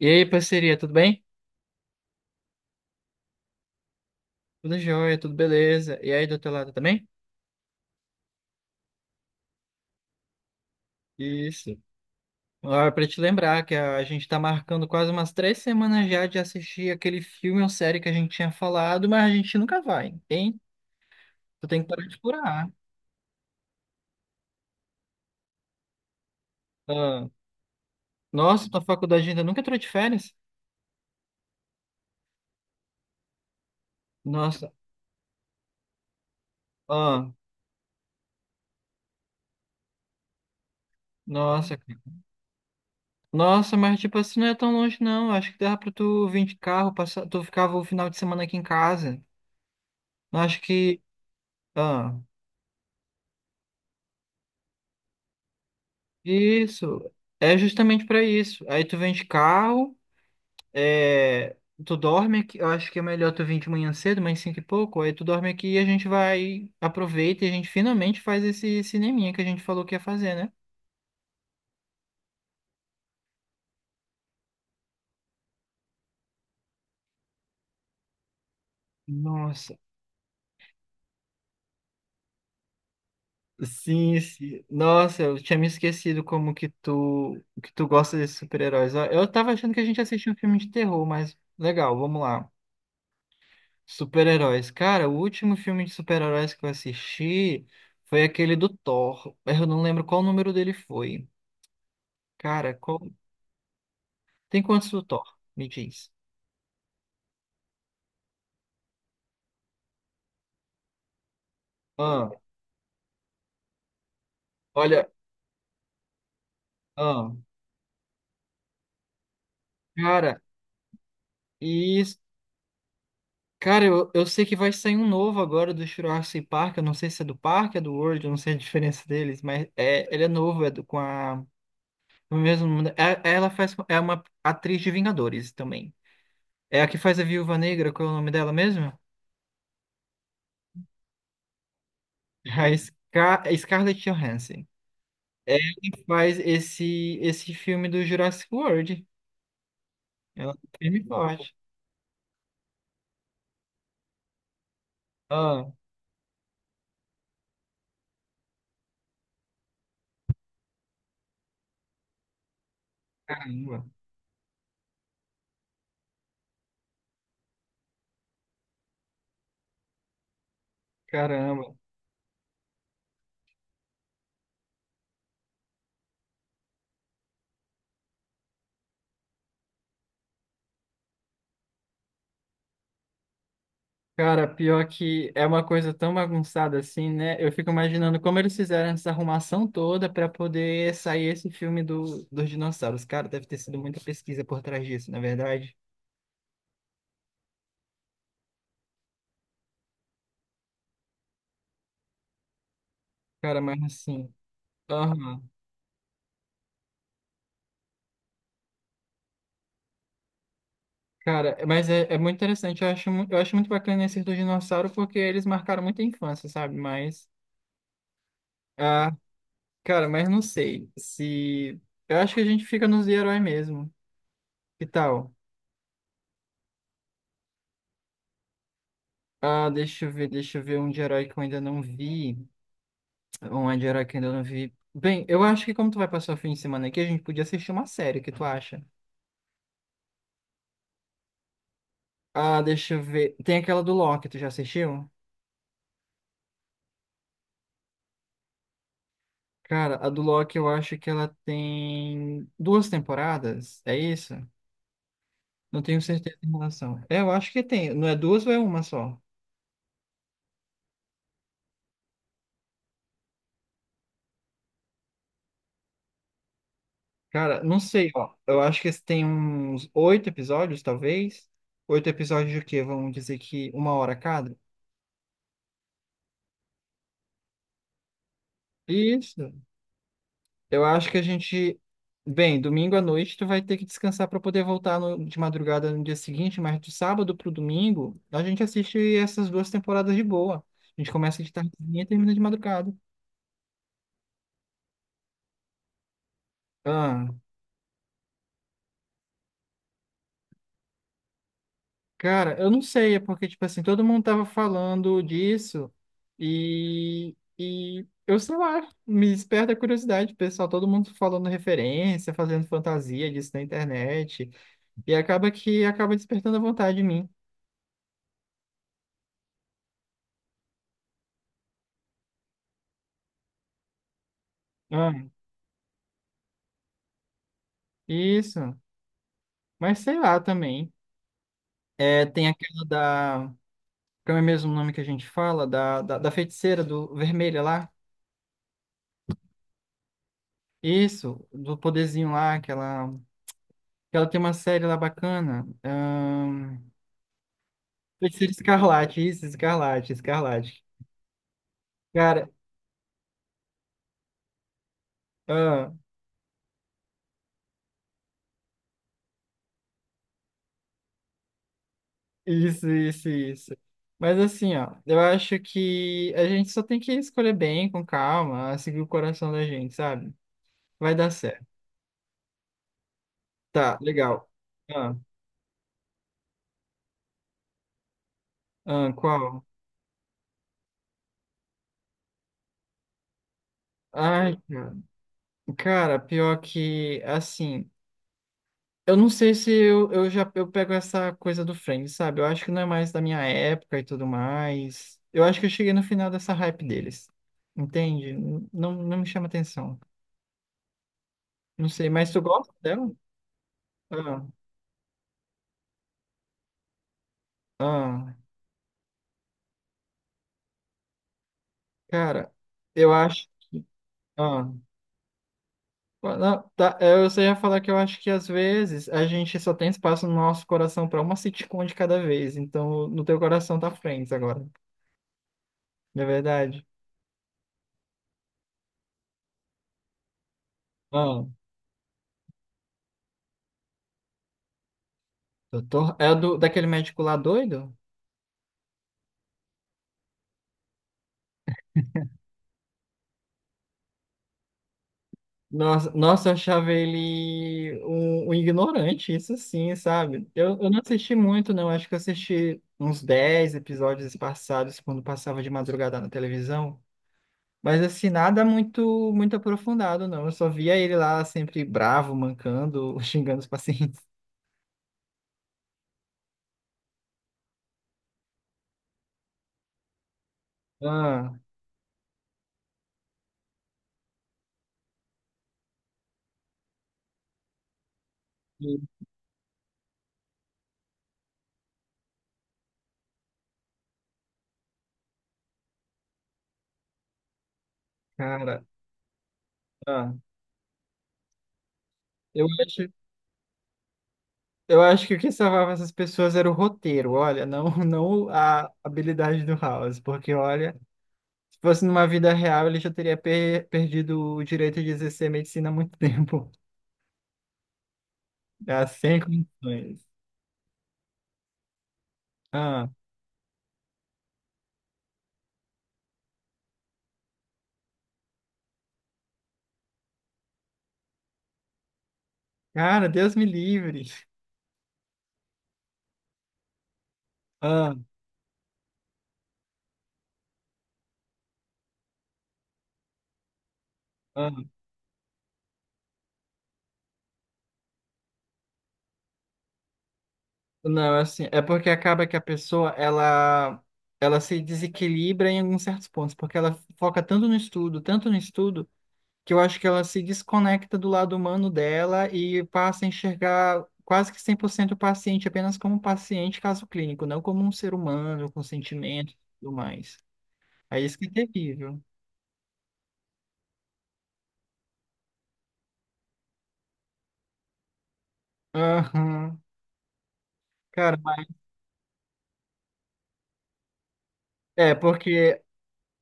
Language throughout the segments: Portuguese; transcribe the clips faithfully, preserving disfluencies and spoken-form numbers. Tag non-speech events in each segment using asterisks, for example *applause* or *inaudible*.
E aí, parceria, tudo bem? Tudo jóia, tudo beleza. E aí, do teu lado também? Isso. Agora, pra te lembrar que a gente tá marcando quase umas três semanas já de assistir aquele filme ou série que a gente tinha falado, mas a gente nunca vai, hein? Tu tem que parar de furar. Ah, nossa, tua faculdade ainda nunca entrou de férias? Nossa, ah, nossa, cara. nossa, mas tipo assim, não é tão longe não. Acho que dava pra tu vir de carro, passar, tu ficava o final de semana aqui em casa. Acho que. Ah. Isso, é justamente para isso. Aí tu vem de carro, é, tu dorme aqui, eu acho que é melhor tu vir de manhã cedo, mais cinco e pouco, aí tu dorme aqui e a gente vai, aproveita e a gente finalmente faz esse cineminha que a gente falou que ia fazer, né? Nossa, sim, sim. Nossa, eu tinha me esquecido como que tu, que tu gosta desses super-heróis. Ó, Eu tava achando que a gente assistia um filme de terror, mas legal, vamos lá. Super-heróis. Cara, o último filme de super-heróis que eu assisti foi aquele do Thor. Eu não lembro qual número dele foi. Cara, qual... Tem quantos do Thor? Me diz. Ah, olha. Ah, cara, e. isso- Cara, eu, eu sei que vai sair um novo agora do Jurassic Park. Eu não sei se é do parque, é do World, eu não sei a diferença deles, mas é, ele é novo, é do, com a. O mesmo, nome da- é- ela faz. É uma atriz de Vingadores também. É a que faz a Viúva Negra, qual é o nome dela mesmo? A Scar Scarlett Johansson. Ela faz esse, esse filme do Jurassic World. Ela é firme e forte. Ah, caramba, caramba. Cara, pior que é uma coisa tão bagunçada assim, né? Eu fico imaginando como eles fizeram essa arrumação toda para poder sair esse filme do, dos dinossauros. Cara, deve ter sido muita pesquisa por trás disso, na verdade. Cara, mas assim. Aham. Cara, mas é, é muito interessante. Eu acho, mu- eu acho muito bacana esses do dinossauro porque eles marcaram muita infância, sabe? Mas. Ah, cara, mas não sei se. Eu acho que a gente fica nos de herói mesmo. Que tal? Ah, deixa eu ver, deixa eu ver um de herói que eu ainda não vi. Um de herói que eu ainda não vi. Bem, eu acho que como tu vai passar o fim de semana aqui, a gente podia assistir uma série, o que tu acha? Ah, deixa eu ver. Tem aquela do Loki, tu já assistiu? Cara, a do Loki eu acho que ela tem duas temporadas, é isso? Não tenho certeza em relação. É, eu acho que tem. Não é duas ou é uma só? Cara, não sei, ó. Eu acho que esse tem uns oito episódios, talvez. Oito episódios de quê? Vamos dizer que uma hora cada? Isso. Eu acho que a gente. Bem, domingo à noite tu vai ter que descansar para poder voltar no- de madrugada no dia seguinte, mas do sábado pro domingo a gente assiste essas duas temporadas de boa. A gente começa de tardezinha e termina de madrugada. Ah. Cara, eu não sei, é porque, tipo assim, todo mundo tava falando disso e, e eu sei lá, me desperta a curiosidade, pessoal, todo mundo falando referência, fazendo fantasia disso na internet e acaba que acaba despertando a vontade em mim. Ah, isso. Mas sei lá também. É, tem aquela da, como é mesmo o nome que a gente fala, da, da, da feiticeira do vermelha lá. Isso, do poderzinho lá, que ela, que ela tem uma série lá bacana. Feiticeiro Escarlate, isso, Escarlate, Escarlate. Cara, ah, isso, isso, isso. Mas assim, ó, eu acho que a gente só tem que escolher bem, com calma, seguir o coração da gente, sabe? Vai dar certo. Tá, legal. Ah, ah, qual? Ai, cara, Cara, pior que, assim, eu não sei se eu, eu já eu pego essa coisa do Friends, sabe? Eu acho que não é mais da minha época e tudo mais. Eu acho que eu cheguei no final dessa hype deles. Entende? N- Não, não me chama atenção. Não sei, mas tu gosta dela? Ah, ah, cara, eu acho. Ah, ah, não, tá, eu só ia falar que eu acho que às vezes a gente só tem espaço no nosso coração pra uma sitcom de cada vez. Então, no teu coração tá Friends agora. Não é verdade? Ah, doutor. É do, daquele médico lá doido? Nossa, nossa, eu achava ele um, um ignorante, isso sim, sabe? Eu, eu não assisti muito, não. Acho que eu assisti uns dez episódios passados, quando passava de madrugada na televisão. Mas assim, nada muito muito aprofundado, não. Eu só via ele lá sempre bravo, mancando, *laughs* xingando os pacientes. Ah, e, cara, ah, eu acho, eu acho que o que salvava essas pessoas era o roteiro, olha, não, *laughs* não a habilidade do House, porque olha. Se fosse numa vida real, ele já teria per- perdido o direito de exercer medicina há muito *laughs* tempo. Ah, sem condições. Ah, cara, Deus me livre. Ah, ah. Não, é assim, é porque acaba que a pessoa, ela, ela se desequilibra em alguns certos pontos, porque ela foca tanto no estudo, tanto no estudo, que eu acho que ela se desconecta do lado humano dela e passa a enxergar quase que cem por cento o paciente apenas como um paciente, caso clínico, não como um ser humano com sentimentos e tudo mais. Aí isso que é terrível. Aham. Cara, mas- é porque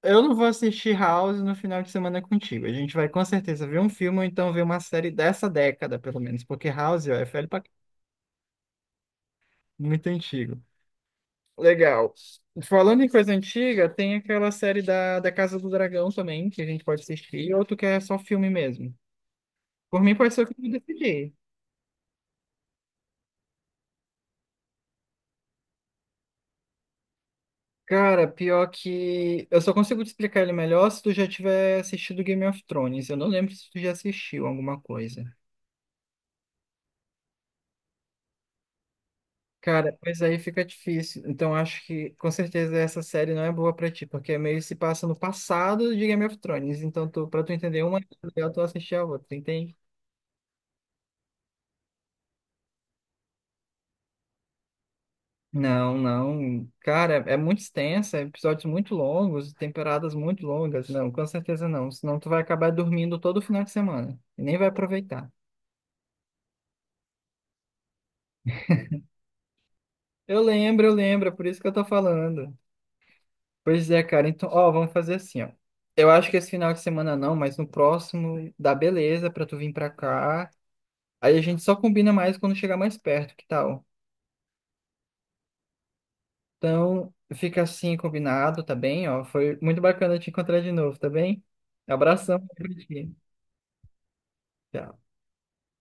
eu não vou assistir House no final de semana contigo. A gente vai com certeza ver um filme ou então ver uma série dessa década, pelo menos, porque House ó, é velho pra... c- muito antigo. Legal. Falando em coisa antiga, tem aquela série da, da Casa do Dragão também, que a gente pode assistir, ou tu quer só filme mesmo? Por mim, pode ser o que tu decidir. Cara, pior que. Eu só consigo te explicar ele melhor se tu já tiver assistido Game of Thrones. Eu não lembro se tu já assistiu alguma coisa. Cara, pois aí fica difícil. Então acho que com certeza essa série não é boa pra ti, porque meio se passa no passado de Game of Thrones. Então tu, para tu entender uma, é legal tu assistir a outra, entende? Não, não. Cara, é muito extensa, episódios muito longos, temporadas muito longas. Não, com certeza não. Senão tu vai acabar dormindo todo final de semana e nem vai aproveitar. Eu lembro, eu lembro, é por isso que eu tô falando. Pois é, cara. Então, ó, vamos fazer assim, ó. Eu acho que esse final de semana não, mas no próximo dá beleza pra tu vir pra cá. Aí a gente só combina mais quando chegar mais perto, que tal? Então, fica assim combinado, tá bem? Ó, foi muito bacana te encontrar de novo, tá bem? Abração pra ti. Tchau.